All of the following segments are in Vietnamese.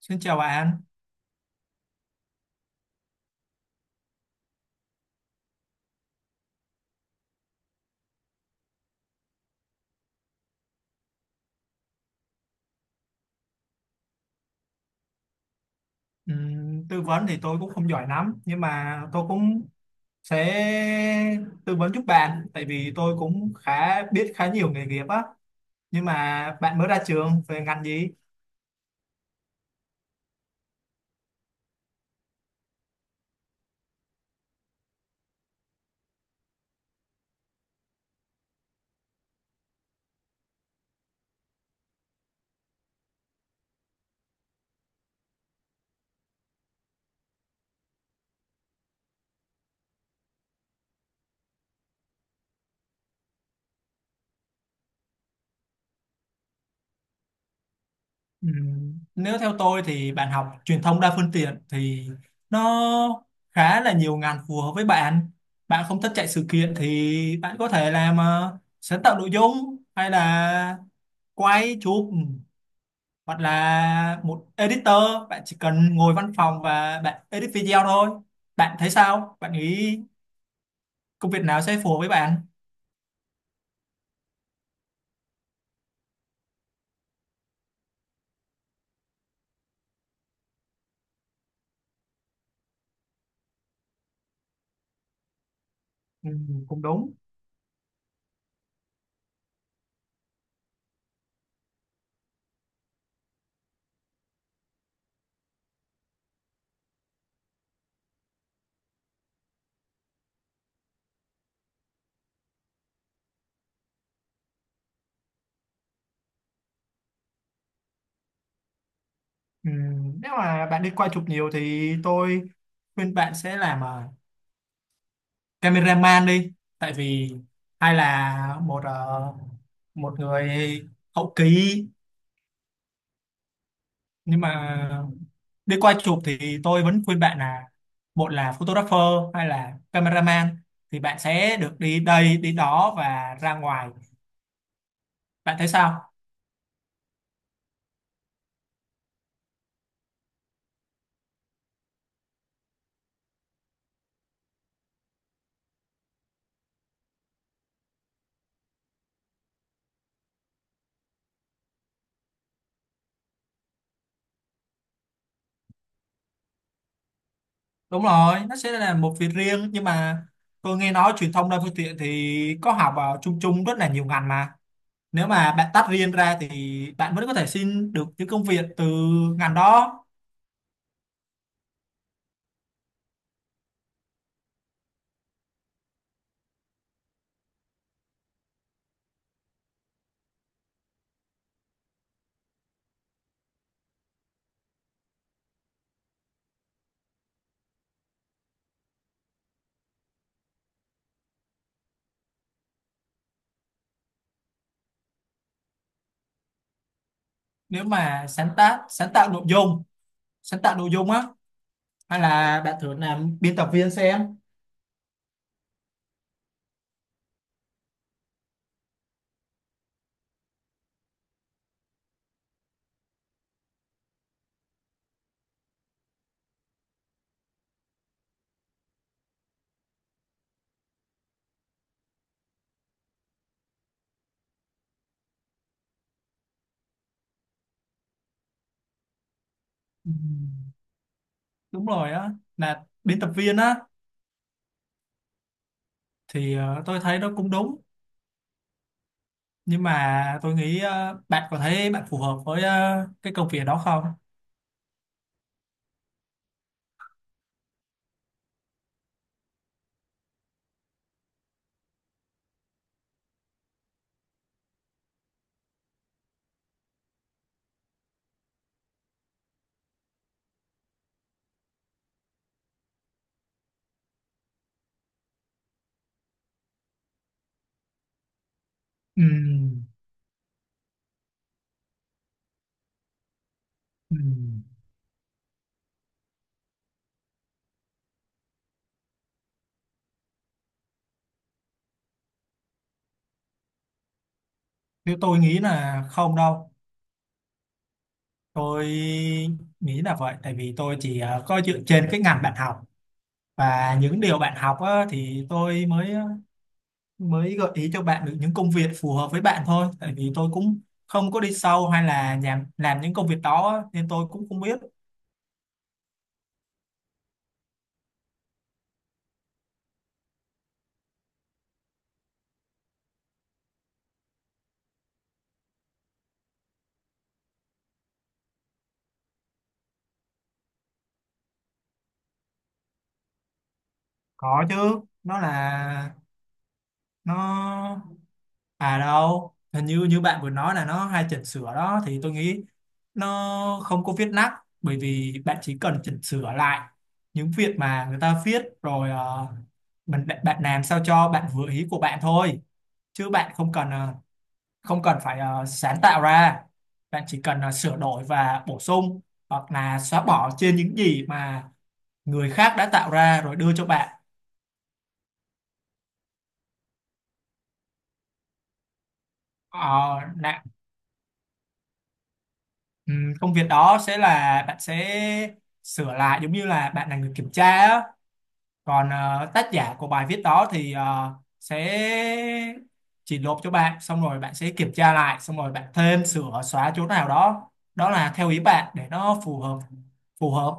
Xin chào bạn. Tư vấn thì tôi cũng không giỏi lắm, nhưng mà tôi cũng sẽ tư vấn giúp bạn, tại vì tôi cũng khá biết khá nhiều nghề nghiệp á. Nhưng mà bạn mới ra trường về ngành gì? Nếu theo tôi thì bạn học truyền thông đa phương tiện thì nó khá là nhiều ngành phù hợp với bạn. Bạn không thích chạy sự kiện thì bạn có thể làm sáng tạo nội dung, hay là quay chụp, hoặc là một editor. Bạn chỉ cần ngồi văn phòng và bạn edit video thôi. Bạn thấy sao, bạn nghĩ công việc nào sẽ phù hợp với bạn? Ừ, cũng đúng. Ừ, nếu mà bạn đi quay chụp nhiều thì tôi khuyên bạn sẽ làm cameraman đi, tại vì hay là một một người hậu kỳ. Nhưng mà đi quay chụp thì tôi vẫn khuyên bạn là một là photographer hay là cameraman, thì bạn sẽ được đi đây đi đó và ra ngoài. Bạn thấy sao? Đúng rồi, nó sẽ là một việc riêng, nhưng mà tôi nghe nói truyền thông đa phương tiện thì có học vào chung chung rất là nhiều ngành mà. Nếu mà bạn tách riêng ra thì bạn vẫn có thể xin được những công việc từ ngành đó. Nếu mà sáng tác sáng tạo nội dung, sáng tạo nội dung á, hay là bạn thử làm biên tập viên xem. Ừ. Đúng rồi á, là biên tập viên á thì tôi thấy nó cũng đúng, nhưng mà tôi nghĩ bạn có thấy bạn phù hợp với cái công việc đó không? Ừm, ừm. Nếu tôi nghĩ là không đâu, tôi nghĩ là vậy, tại vì tôi chỉ có dựa trên cái ngành bạn học và những điều bạn học á, thì tôi mới mới gợi ý cho bạn được những công việc phù hợp với bạn thôi, tại vì tôi cũng không có đi sâu hay là làm những công việc đó á, nên tôi cũng không biết. Có chứ, nó là nó à đâu, hình như như bạn vừa nói là nó hay chỉnh sửa đó, thì tôi nghĩ nó không có viết nát, bởi vì bạn chỉ cần chỉnh sửa lại những việc mà người ta viết rồi mình bạn, bạn làm sao cho bạn vừa ý của bạn thôi, chứ bạn không cần không cần phải sáng tạo ra. Bạn chỉ cần sửa đổi và bổ sung hoặc là xóa bỏ trên những gì mà người khác đã tạo ra rồi đưa cho bạn. Ờ, công việc đó sẽ là bạn sẽ sửa lại, giống như là bạn là người kiểm tra á. Còn tác giả của bài viết đó thì sẽ chỉ nộp cho bạn, xong rồi bạn sẽ kiểm tra lại, xong rồi bạn thêm sửa xóa chỗ nào đó, đó là theo ý bạn để nó phù hợp, phù hợp.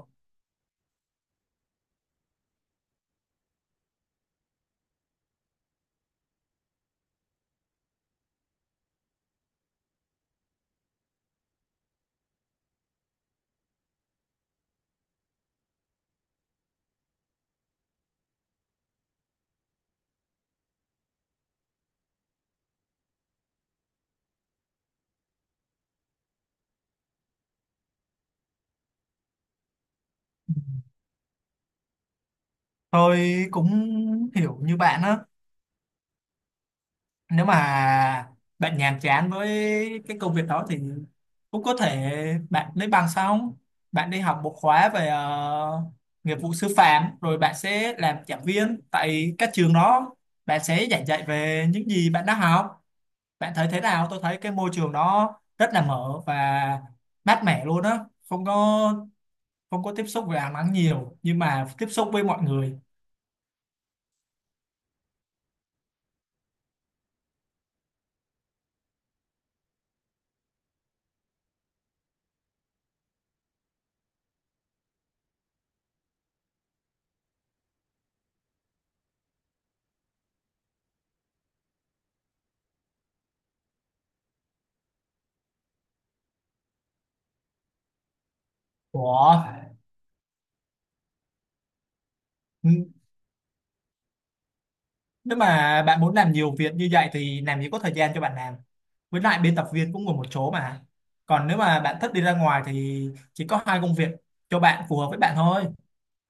Tôi cũng hiểu như bạn á. Nếu mà bạn nhàm chán với cái công việc đó thì cũng có thể bạn lấy bằng xong, bạn đi học một khóa về nghiệp vụ sư phạm, rồi bạn sẽ làm giảng viên tại các trường đó. Bạn sẽ giảng dạy về những gì bạn đã học. Bạn thấy thế nào? Tôi thấy cái môi trường đó rất là mở và mát mẻ luôn á, không có không có tiếp xúc với ánh nắng nhiều, nhưng mà tiếp xúc với mọi người. Ủa? Nếu mà bạn muốn làm nhiều việc như vậy thì làm gì có thời gian cho bạn làm. Với lại biên tập viên cũng ngồi một chỗ mà. Còn nếu mà bạn thích đi ra ngoài thì chỉ có hai công việc cho bạn phù hợp với bạn thôi.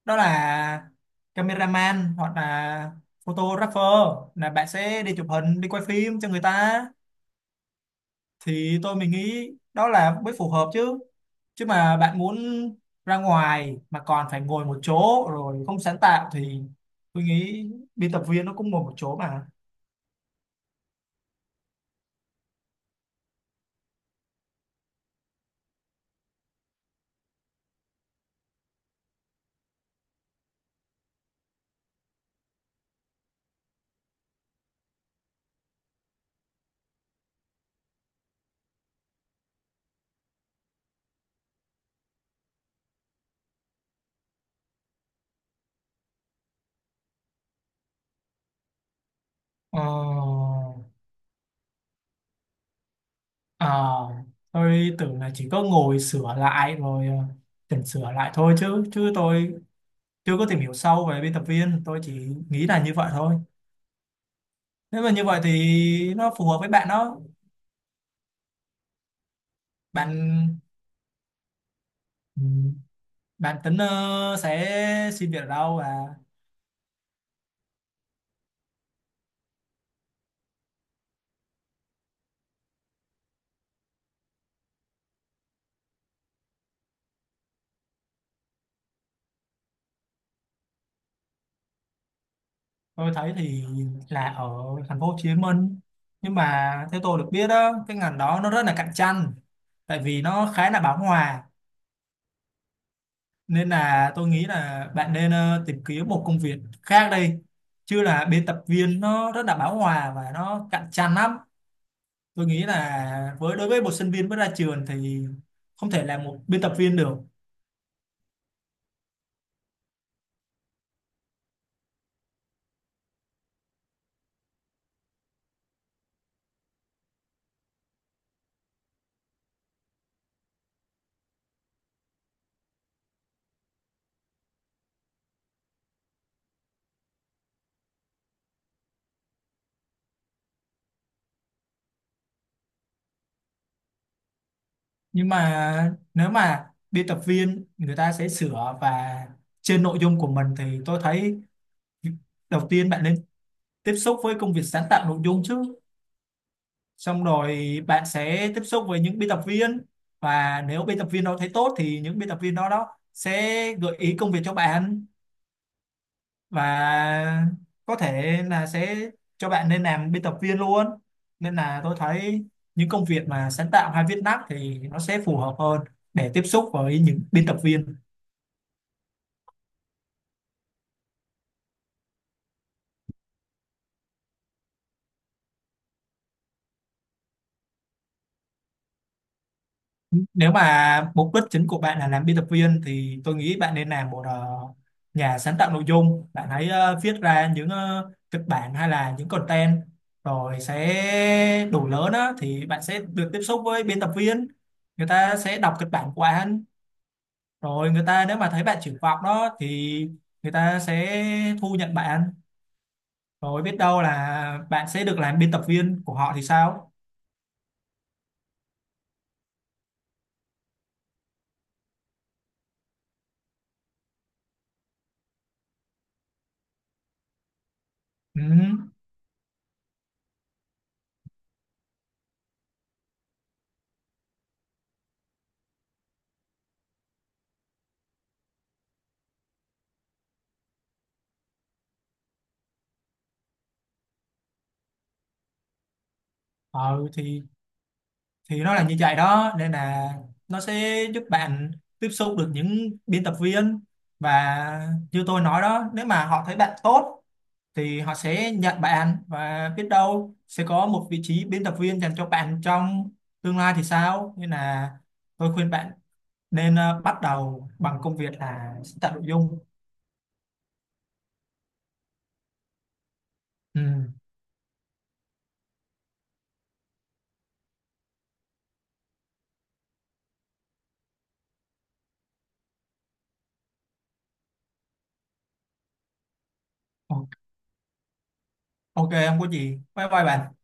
Đó là cameraman hoặc là photographer, là bạn sẽ đi chụp hình, đi quay phim cho người ta. Thì tôi mình nghĩ đó là mới phù hợp chứ. Chứ mà bạn muốn ra ngoài mà còn phải ngồi một chỗ rồi không sáng tạo thì tôi nghĩ biên tập viên nó cũng ngồi một chỗ mà. Ờ, ờ, tôi tưởng là chỉ có ngồi sửa lại rồi chỉnh sửa lại thôi, chứ chứ tôi chưa có tìm hiểu sâu về biên tập viên, tôi chỉ nghĩ là như vậy thôi. Nếu mà như vậy thì nó phù hợp với bạn đó. Bạn, ừ, bạn tính sẽ xin việc ở đâu và tôi thấy thì là ở thành phố Hồ Chí Minh. Nhưng mà theo tôi được biết đó, cái ngành đó nó rất là cạnh tranh, tại vì nó khá là bão hòa, nên là tôi nghĩ là bạn nên tìm kiếm một công việc khác đây, chứ là biên tập viên nó rất là bão hòa và nó cạnh tranh lắm. Tôi nghĩ là với đối với một sinh viên mới ra trường thì không thể làm một biên tập viên được. Nhưng mà nếu mà biên tập viên người ta sẽ sửa và trên nội dung của mình thì tôi thấy đầu tiên bạn nên tiếp xúc với công việc sáng tạo nội dung chứ, xong rồi bạn sẽ tiếp xúc với những biên tập viên. Và nếu biên tập viên đó thấy tốt thì những biên tập viên đó đó sẽ gợi ý công việc cho bạn, và có thể là sẽ cho bạn nên làm biên tập viên luôn. Nên là tôi thấy những công việc mà sáng tạo hay viết lách thì nó sẽ phù hợp hơn để tiếp xúc với những biên tập viên. Nếu mà mục đích chính của bạn là làm biên tập viên thì tôi nghĩ bạn nên làm một nhà sáng tạo nội dung. Bạn hãy viết ra những kịch bản hay là những content, rồi sẽ đủ lớn á thì bạn sẽ được tiếp xúc với biên tập viên. Người ta sẽ đọc kịch bản của anh, rồi người ta nếu mà thấy bạn triển vọng đó thì người ta sẽ thu nhận bạn, rồi biết đâu là bạn sẽ được làm biên tập viên của họ thì sao? Ừ. Ờ, thì nó là như vậy đó, nên là nó sẽ giúp bạn tiếp xúc được những biên tập viên. Và như tôi nói đó, nếu mà họ thấy bạn tốt thì họ sẽ nhận bạn, và biết đâu sẽ có một vị trí biên tập viên dành cho bạn trong tương lai thì sao. Nên là tôi khuyên bạn nên bắt đầu bằng công việc là sáng tạo nội dung. Ừ. Ok, không có gì, bye bye bạn.